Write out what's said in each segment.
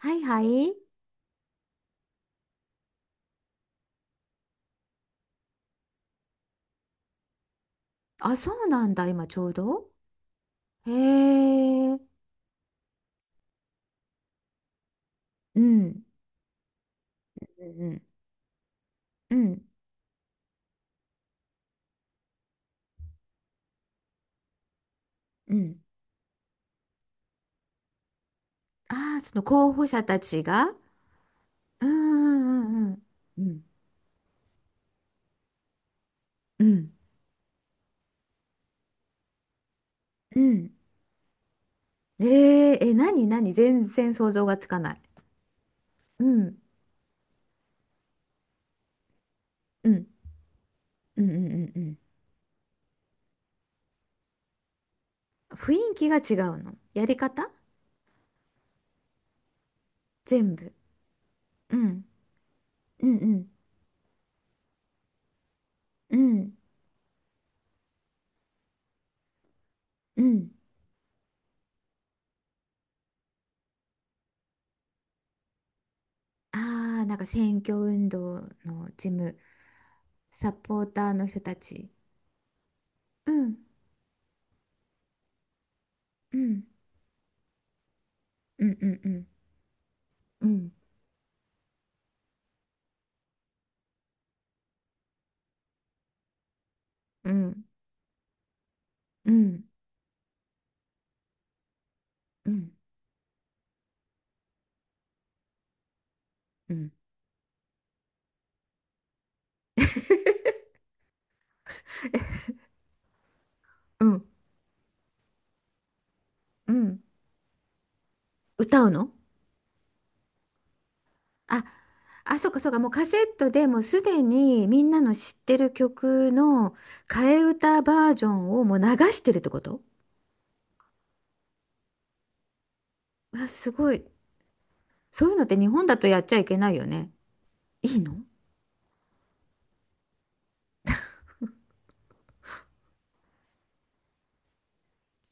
はいはい。あ、そうなんだ、今ちょうど。へえ、うん、うん、うんうん、うん。ああ、その候補者たちが。うんうんうん。うんうん。うんうん。え、何何全然想像がつかない。うん、うん。うんうんうんうん。雰囲気が違うの。やり方全部。うん、うん、うん、うん、うん。ああ、なんか選挙運動の事務、サポーターの人たち。うん、うん。うんうんうんうんうんうんうんうんうん。歌うの？あ、あ、そうかそうか、もうカセットでもうすでにみんなの知ってる曲の替え歌バージョンをもう流してるってこと？わ、すごい。そういうのって日本だとやっちゃいけないよね。いいの？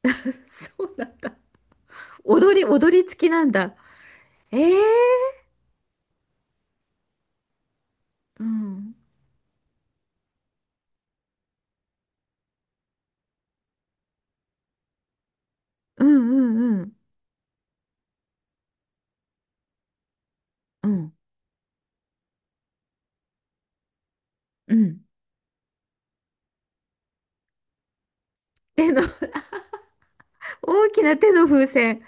そうなんだ。踊り、踊り付きなんだ。えー、うんうんうんうんうんうん。手の 大きな手の風船。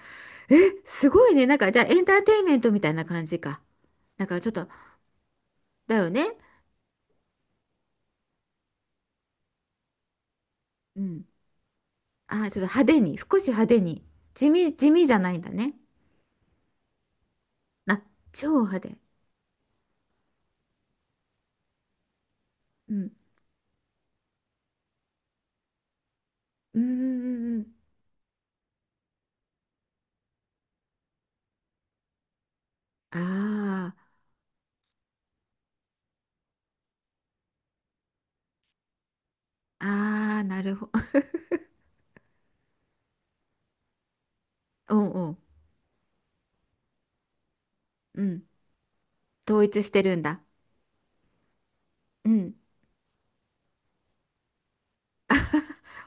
え、すごいね。なんか、じゃあ、エンターテインメントみたいな感じか。なんか、ちょっと、だよね。うん。あー、ちょっと派手に、少し派手に。地味、地味じゃないんだね。あ、超派手。うん。うんうんうんうん。ああ、ああ、なるほど。おうおう。うん。統一してるんだ。うん。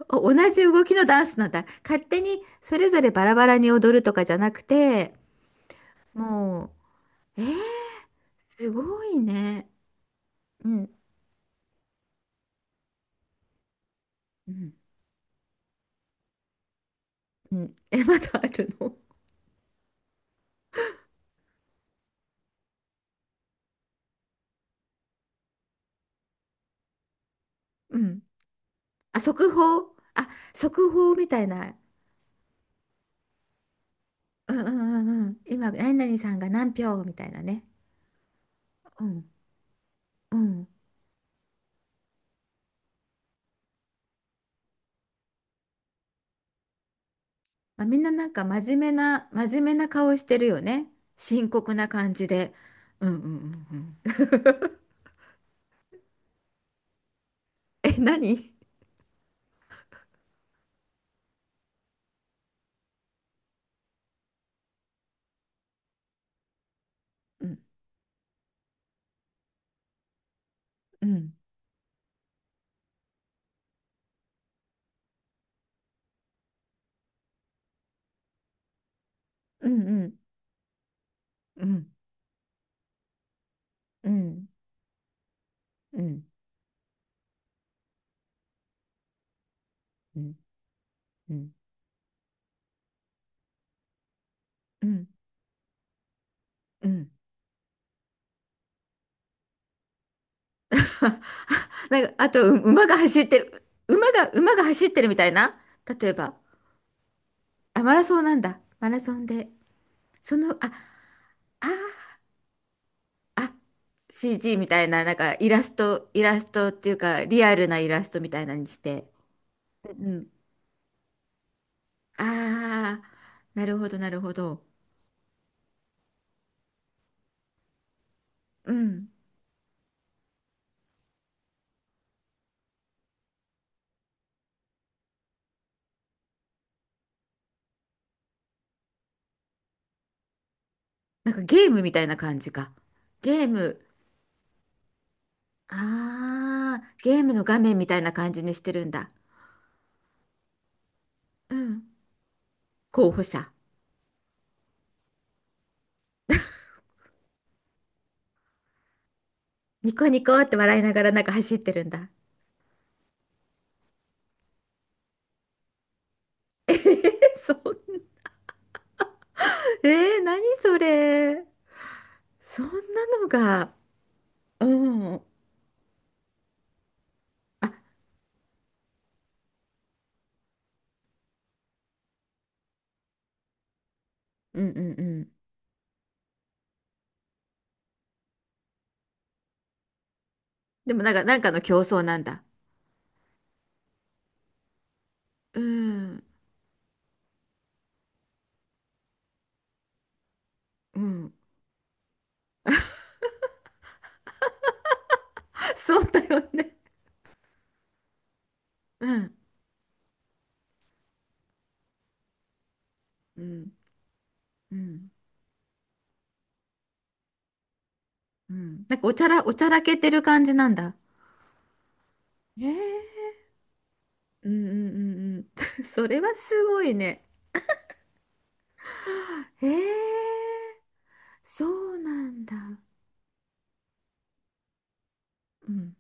お、同じ動きのダンスなんだ。勝手に、それぞれバラバラに踊るとかじゃなくて、もう、えー、すごいね。うん。うん。うん。え、まだあるの？ うん。あ、速報、あ、速報みたいな。うんうんうんうん。今、何々さんが何票みたいなね。うんうん。まあ、みんななんか真面目な、真面目な顔してるよね。深刻な感じで。うんうんうんうん。え、何？うんうんうんうんうんうんうんうんうんうん。 なんか、あと、う馬が走ってる。馬が、馬が走ってるみたいな。例えば。あ、マラソンなんだ。マラソンで。その、あ、ああ、 CG みたいな、なんかイラスト、イラストっていうか、リアルなイラストみたいなのにして。うん。ああ、なるほど、なるほど。うん。なんかゲームみたいな感じか。ゲーム。ああ、ゲームの画面みたいな感じにしてるんだ。うん。候補者。ニコニコって笑いながらなんか走ってるんだ。えー、そんな、えー、何それ。そんなのが。うん。あ、うんうんうん。でもなんか、なんかの競争なんだ。うん、うん、そうだよね。うん、うん、うん、うん。なんかおちゃら、おちゃらけてる感じなんだ。へ、うんうんうんうん。それはすごいね。へ、そうなんだ。うん。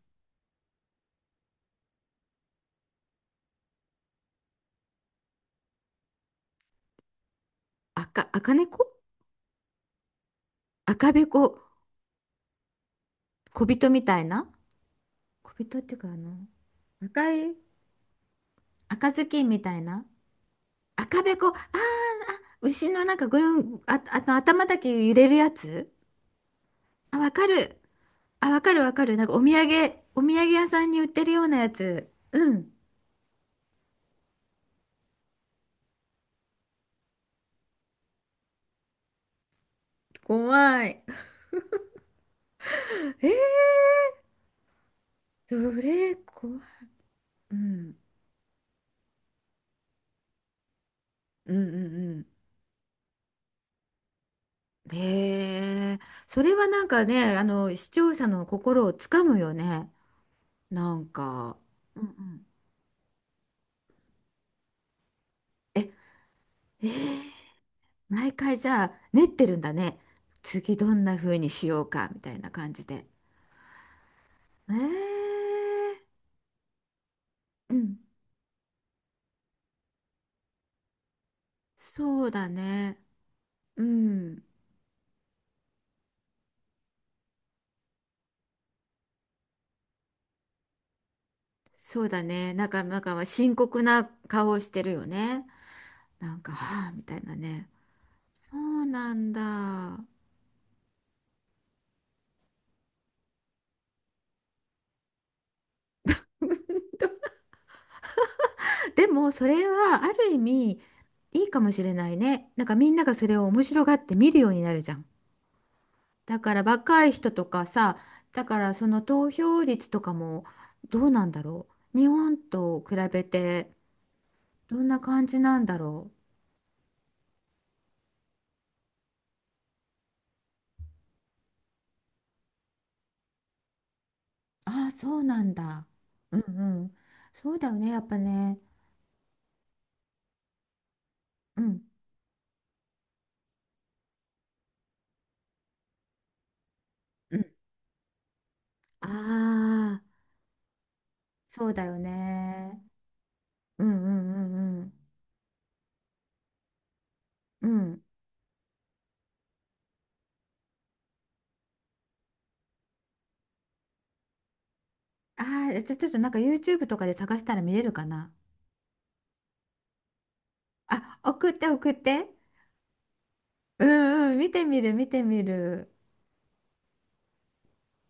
赤、赤猫、赤べこ、小人みたいな、小人っていうか、あの、赤い、赤ずきんみたいな、赤べこ、あー、牛のなんかぐるん、あ、あの頭だけ揺れるやつ、あ、わかる。あ、わかるわかる。なんかお土産、お土産屋さんに売ってるようなやつ。うん。怖い。えー、それ怖い。うん。うんうんうん。へえ、それはなんかね、あの、視聴者の心をつかむよね。なんか。うんうん。え、えー、毎回じゃあ練ってるんだね。次どんな風にしようかみたいな感じで。えー、うん。そうだね。うん。そうだね。なんか、なんか深刻な顔をしてるよね。なんか、はあ、みたいなね。そうなんだ。でも、それはある意味いいかもしれないね。なんかみんながそれを面白がって見るようになるじゃん。だから若い人とかさ、だからその投票率とかもどうなんだろう。日本と比べてどんな感じなんだろう。ああ、そうなんだ。うんうん。そうだよね、やっぱね。うん。うん。ああ。そうだよね。うんうんうんうん。うん。ああ、じゃあちょっとなんか YouTube とかで探したら見れるかな。あ、送って送って。うんうん、見てみる見てみる。